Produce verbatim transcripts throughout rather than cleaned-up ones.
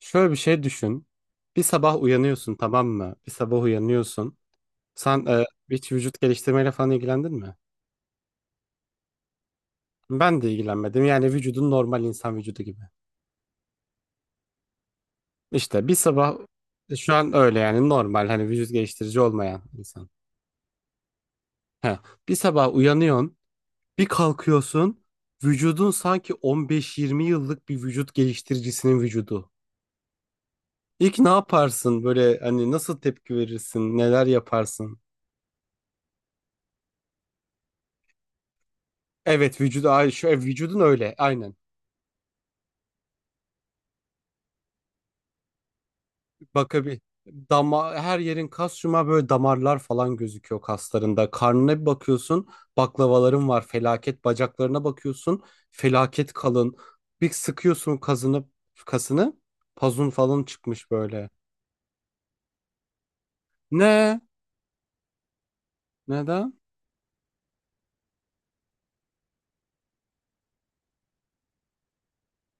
Şöyle bir şey düşün. Bir sabah uyanıyorsun, tamam mı? Bir sabah uyanıyorsun. Sen e, hiç vücut geliştirmeyle falan ilgilendin mi? Ben de ilgilenmedim. Yani vücudun normal insan vücudu gibi. İşte bir sabah, e, şu an öyle yani, normal hani vücut geliştirici olmayan insan. He. Bir sabah uyanıyorsun, bir kalkıyorsun. Vücudun sanki on beş yirmi yıllık bir vücut geliştiricisinin vücudu. İlk ne yaparsın? Böyle hani nasıl tepki verirsin? Neler yaparsın? Evet, vücudu ay- şu, e, vücudun öyle, aynen. Bakabi dama her yerin kas, şuma böyle damarlar falan gözüküyor kaslarında. Karnına bir bakıyorsun, baklavaların var, felaket. Bacaklarına bakıyorsun, felaket kalın. Bir sıkıyorsun, kazını kasını, pazun falan çıkmış böyle. Ne? Neden?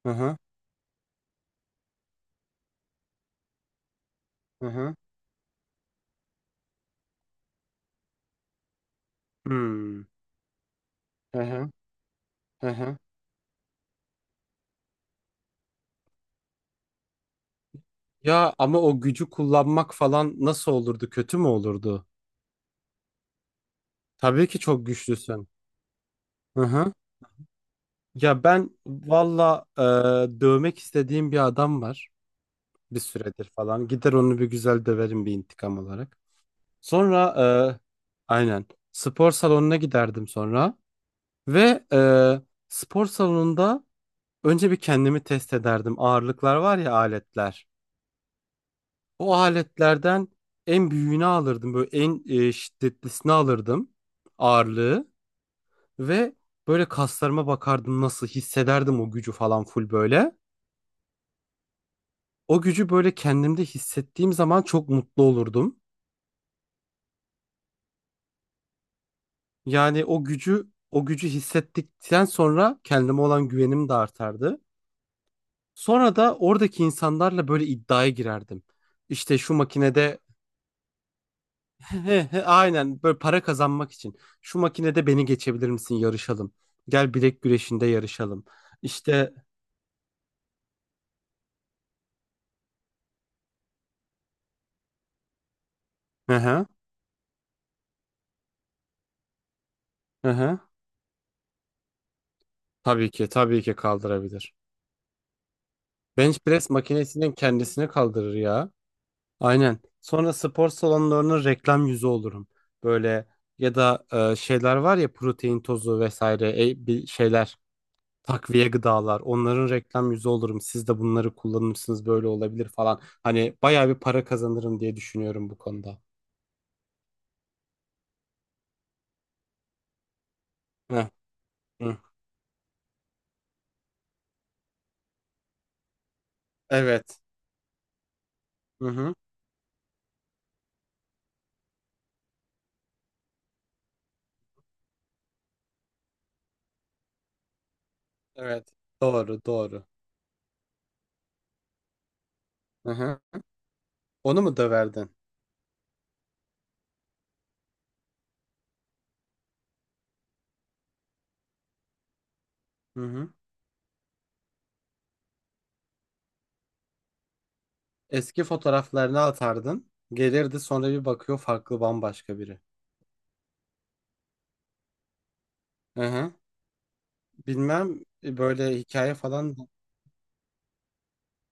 Hı hı, hı hı. Hmm. Hı hı, hı hı. Ya ama o gücü kullanmak falan nasıl olurdu? Kötü mü olurdu? Tabii ki çok güçlüsün. Hı hı. Ya ben valla, e, dövmek istediğim bir adam var, bir süredir falan. Gider onu bir güzel döverim, bir intikam olarak. Sonra, e, aynen, spor salonuna giderdim sonra ve e, spor salonunda önce bir kendimi test ederdim. Ağırlıklar var ya, aletler. O aletlerden en büyüğünü alırdım, böyle en e, şiddetlisini alırdım, ağırlığı. Ve böyle kaslarıma bakardım, nasıl hissederdim o gücü falan, full böyle. O gücü böyle kendimde hissettiğim zaman çok mutlu olurdum. Yani o gücü o gücü hissettikten sonra kendime olan güvenim de artardı. Sonra da oradaki insanlarla böyle iddiaya girerdim. İşte şu makinede. He he, aynen, böyle para kazanmak için. Şu makinede beni geçebilir misin? Yarışalım. Gel bilek güreşinde yarışalım. İşte. Hı hı, hı hı. Tabii ki, tabii ki kaldırabilir. Bench press makinesinin kendisini kaldırır ya. Aynen. Sonra spor salonlarının reklam yüzü olurum. Böyle, ya da e, şeyler var ya, protein tozu vesaire, e, bir şeyler, takviye gıdalar, onların reklam yüzü olurum. Siz de bunları kullanırsınız, böyle olabilir falan. Hani bayağı bir para kazanırım diye düşünüyorum bu konuda. Heh, hı. Evet. Hı hı. Evet. Doğru, doğru. Hı hı. Onu mu döverdin? Hı hı. Eski fotoğraflarını atardın. Gelirdi sonra bir bakıyor, farklı, bambaşka biri. Hı hı. Bilmem, e, böyle hikaye falan.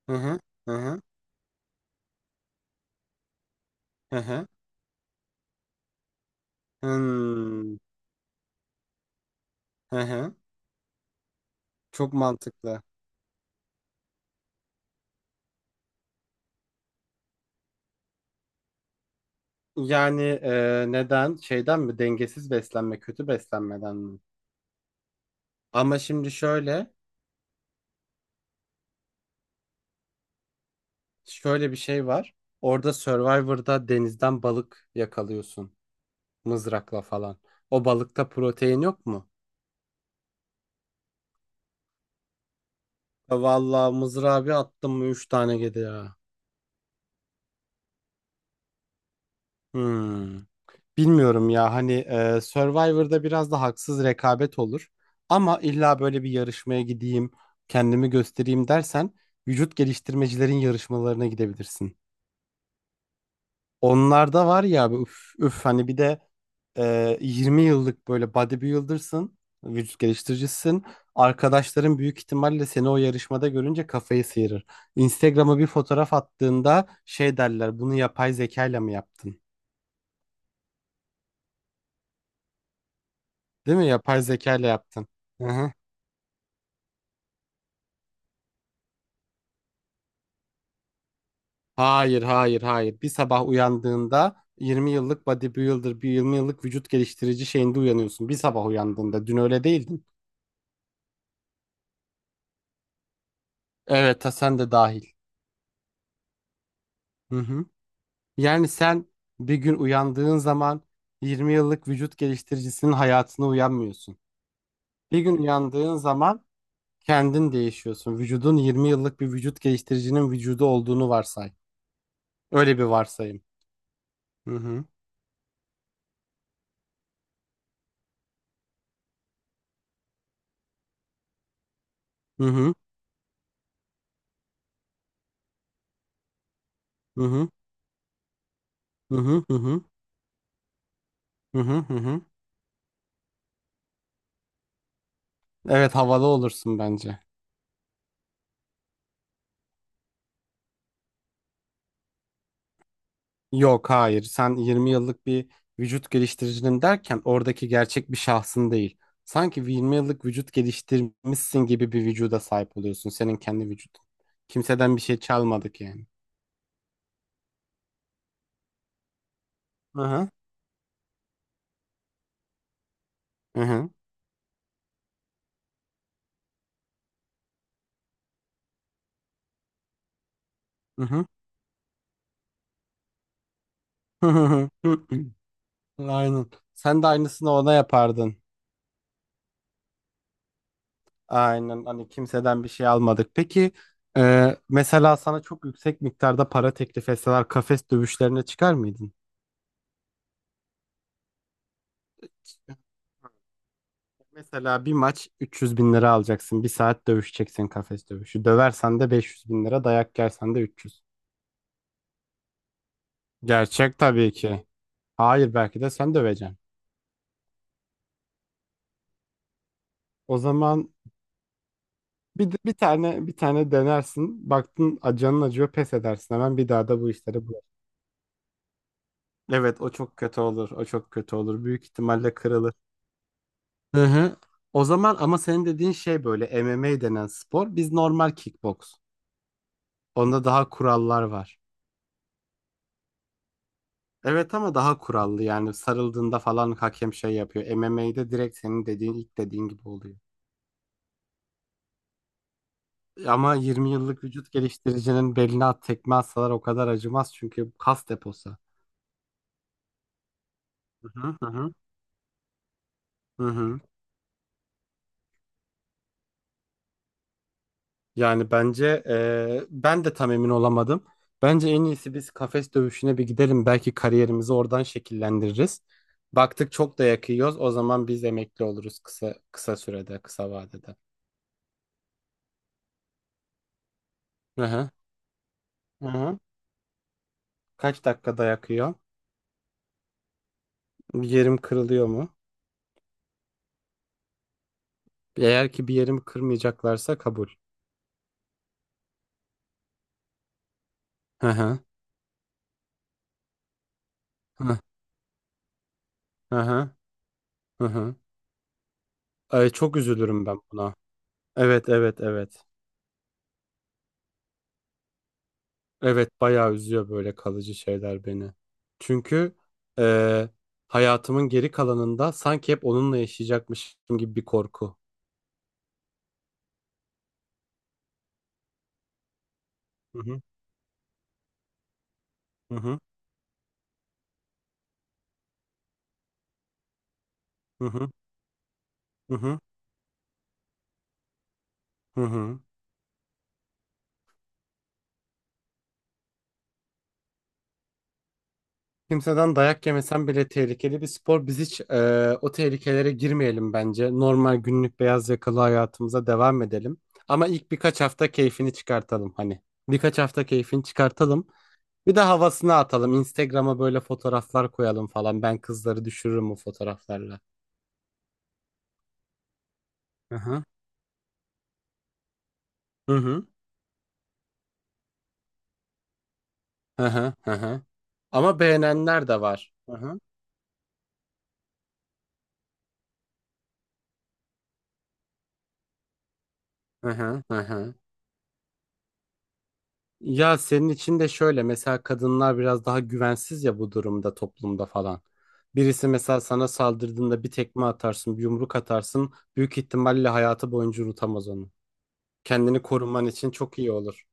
Hı hı, hı hı, hı hı. Hmm, hı hı. Çok mantıklı. Yani, e, neden şeyden mi, dengesiz beslenme, kötü beslenmeden mi? Ama şimdi şöyle şöyle bir şey var. Orada Survivor'da denizden balık yakalıyorsun, mızrakla falan. O balıkta protein yok mu? E, Vallahi mızrağı bir attım mı üç tane geliyor ya. Hmm. Bilmiyorum ya, hani e, Survivor'da biraz da haksız rekabet olur. Ama illa böyle bir yarışmaya gideyim, kendimi göstereyim dersen, vücut geliştirmecilerin yarışmalarına gidebilirsin. Onlarda var ya abi, üf, üf, hani bir de e, yirmi yıllık böyle bodybuilder'sın, vücut geliştiricisin. Arkadaşların büyük ihtimalle seni o yarışmada görünce kafayı sıyırır. Instagram'a bir fotoğraf attığında şey derler, bunu yapay zekayla mı yaptın? Değil mi? Yapay zekayla yaptın. Hı hı. Hayır, hayır, hayır. Bir sabah uyandığında yirmi yıllık bodybuilder, bir yirmi yıllık vücut geliştirici şeyinde uyanıyorsun. Bir sabah uyandığında. Dün öyle değildin. Evet, ha, sen de dahil. Hı hı. Yani sen bir gün uyandığın zaman yirmi yıllık vücut geliştiricisinin hayatına uyanmıyorsun. Bir gün uyandığın zaman kendin değişiyorsun. Vücudun yirmi yıllık bir vücut geliştiricinin vücudu olduğunu varsay. Öyle bir varsayım. Hı hı, hı hı, hı hı, hı hı, hı hı, hı hı, hı hı. Evet, havalı olursun bence. Yok, hayır, sen yirmi yıllık bir vücut geliştiricinin derken oradaki gerçek bir şahsın değil. Sanki yirmi yıllık vücut geliştirmişsin gibi bir vücuda sahip oluyorsun, senin kendi vücudun. Kimseden bir şey çalmadık yani. Hı hı, hı hı, hı hı, hı hı. Aynen. Sen de aynısını ona yapardın. Aynen, hani kimseden bir şey almadık. Peki, e, mesela sana çok yüksek miktarda para teklif etseler kafes dövüşlerine çıkar mıydın? Mesela bir maç üç yüz bin lira alacaksın. Bir saat dövüşeceksin, kafes dövüşü. Döversen de beş yüz bin lira, dayak yersen de üç yüz. Gerçek tabii ki. Hayır, belki de sen döveceksin. O zaman bir, bir tane bir tane denersin. Baktın canın acıyor, pes edersin. Hemen bir daha da bu işlere bulaşma. Evet, o çok kötü olur. O çok kötü olur. Büyük ihtimalle kırılır. Hı hı. O zaman ama senin dediğin şey böyle M M A denen spor. Biz normal kickbox. Onda daha kurallar var. Evet ama daha kurallı, yani sarıldığında falan hakem şey yapıyor. M M A'de direkt senin dediğin, ilk dediğin gibi oluyor. Ama yirmi yıllık vücut geliştiricinin beline at tekme atsalar o kadar acımaz, çünkü kas deposu. Hı hı, hı hı, hı hı. Yani bence, e, ben de tam emin olamadım. Bence en iyisi biz kafes dövüşüne bir gidelim. Belki kariyerimizi oradan şekillendiririz. Baktık çok da yakıyoruz, o zaman biz emekli oluruz, kısa kısa sürede, kısa vadede. Hı hı, hı hı. Kaç dakikada yakıyor? Bir yerim kırılıyor mu? Eğer ki bir yerimi kırmayacaklarsa kabul. Hı hı, hı hı, hı hı, hı. Ay, çok üzülürüm ben buna. Evet, evet, evet. Evet, bayağı üzüyor böyle kalıcı şeyler beni. Çünkü eee, hayatımın geri kalanında sanki hep onunla yaşayacakmışım gibi bir korku. Hı hı, hı hı, hı hı, hı hı, hı hı. Kimseden dayak yemesen bile tehlikeli bir spor. Biz hiç e, o tehlikelere girmeyelim bence. Normal günlük beyaz yakalı hayatımıza devam edelim. Ama ilk birkaç hafta keyfini çıkartalım hani. Birkaç hafta keyfini çıkartalım. Bir de havasını atalım. Instagram'a böyle fotoğraflar koyalım falan. Ben kızları düşürürüm bu fotoğraflarla. Hı hı, hı hı, hı hı, hı hı. Ama beğenenler de var. Hı hı, hı hı, hı hı. Ya senin için de şöyle, mesela kadınlar biraz daha güvensiz ya bu durumda, toplumda falan. Birisi mesela sana saldırdığında bir tekme atarsın, bir yumruk atarsın. Büyük ihtimalle hayatı boyunca unutamaz onu. Kendini koruman için çok iyi olur.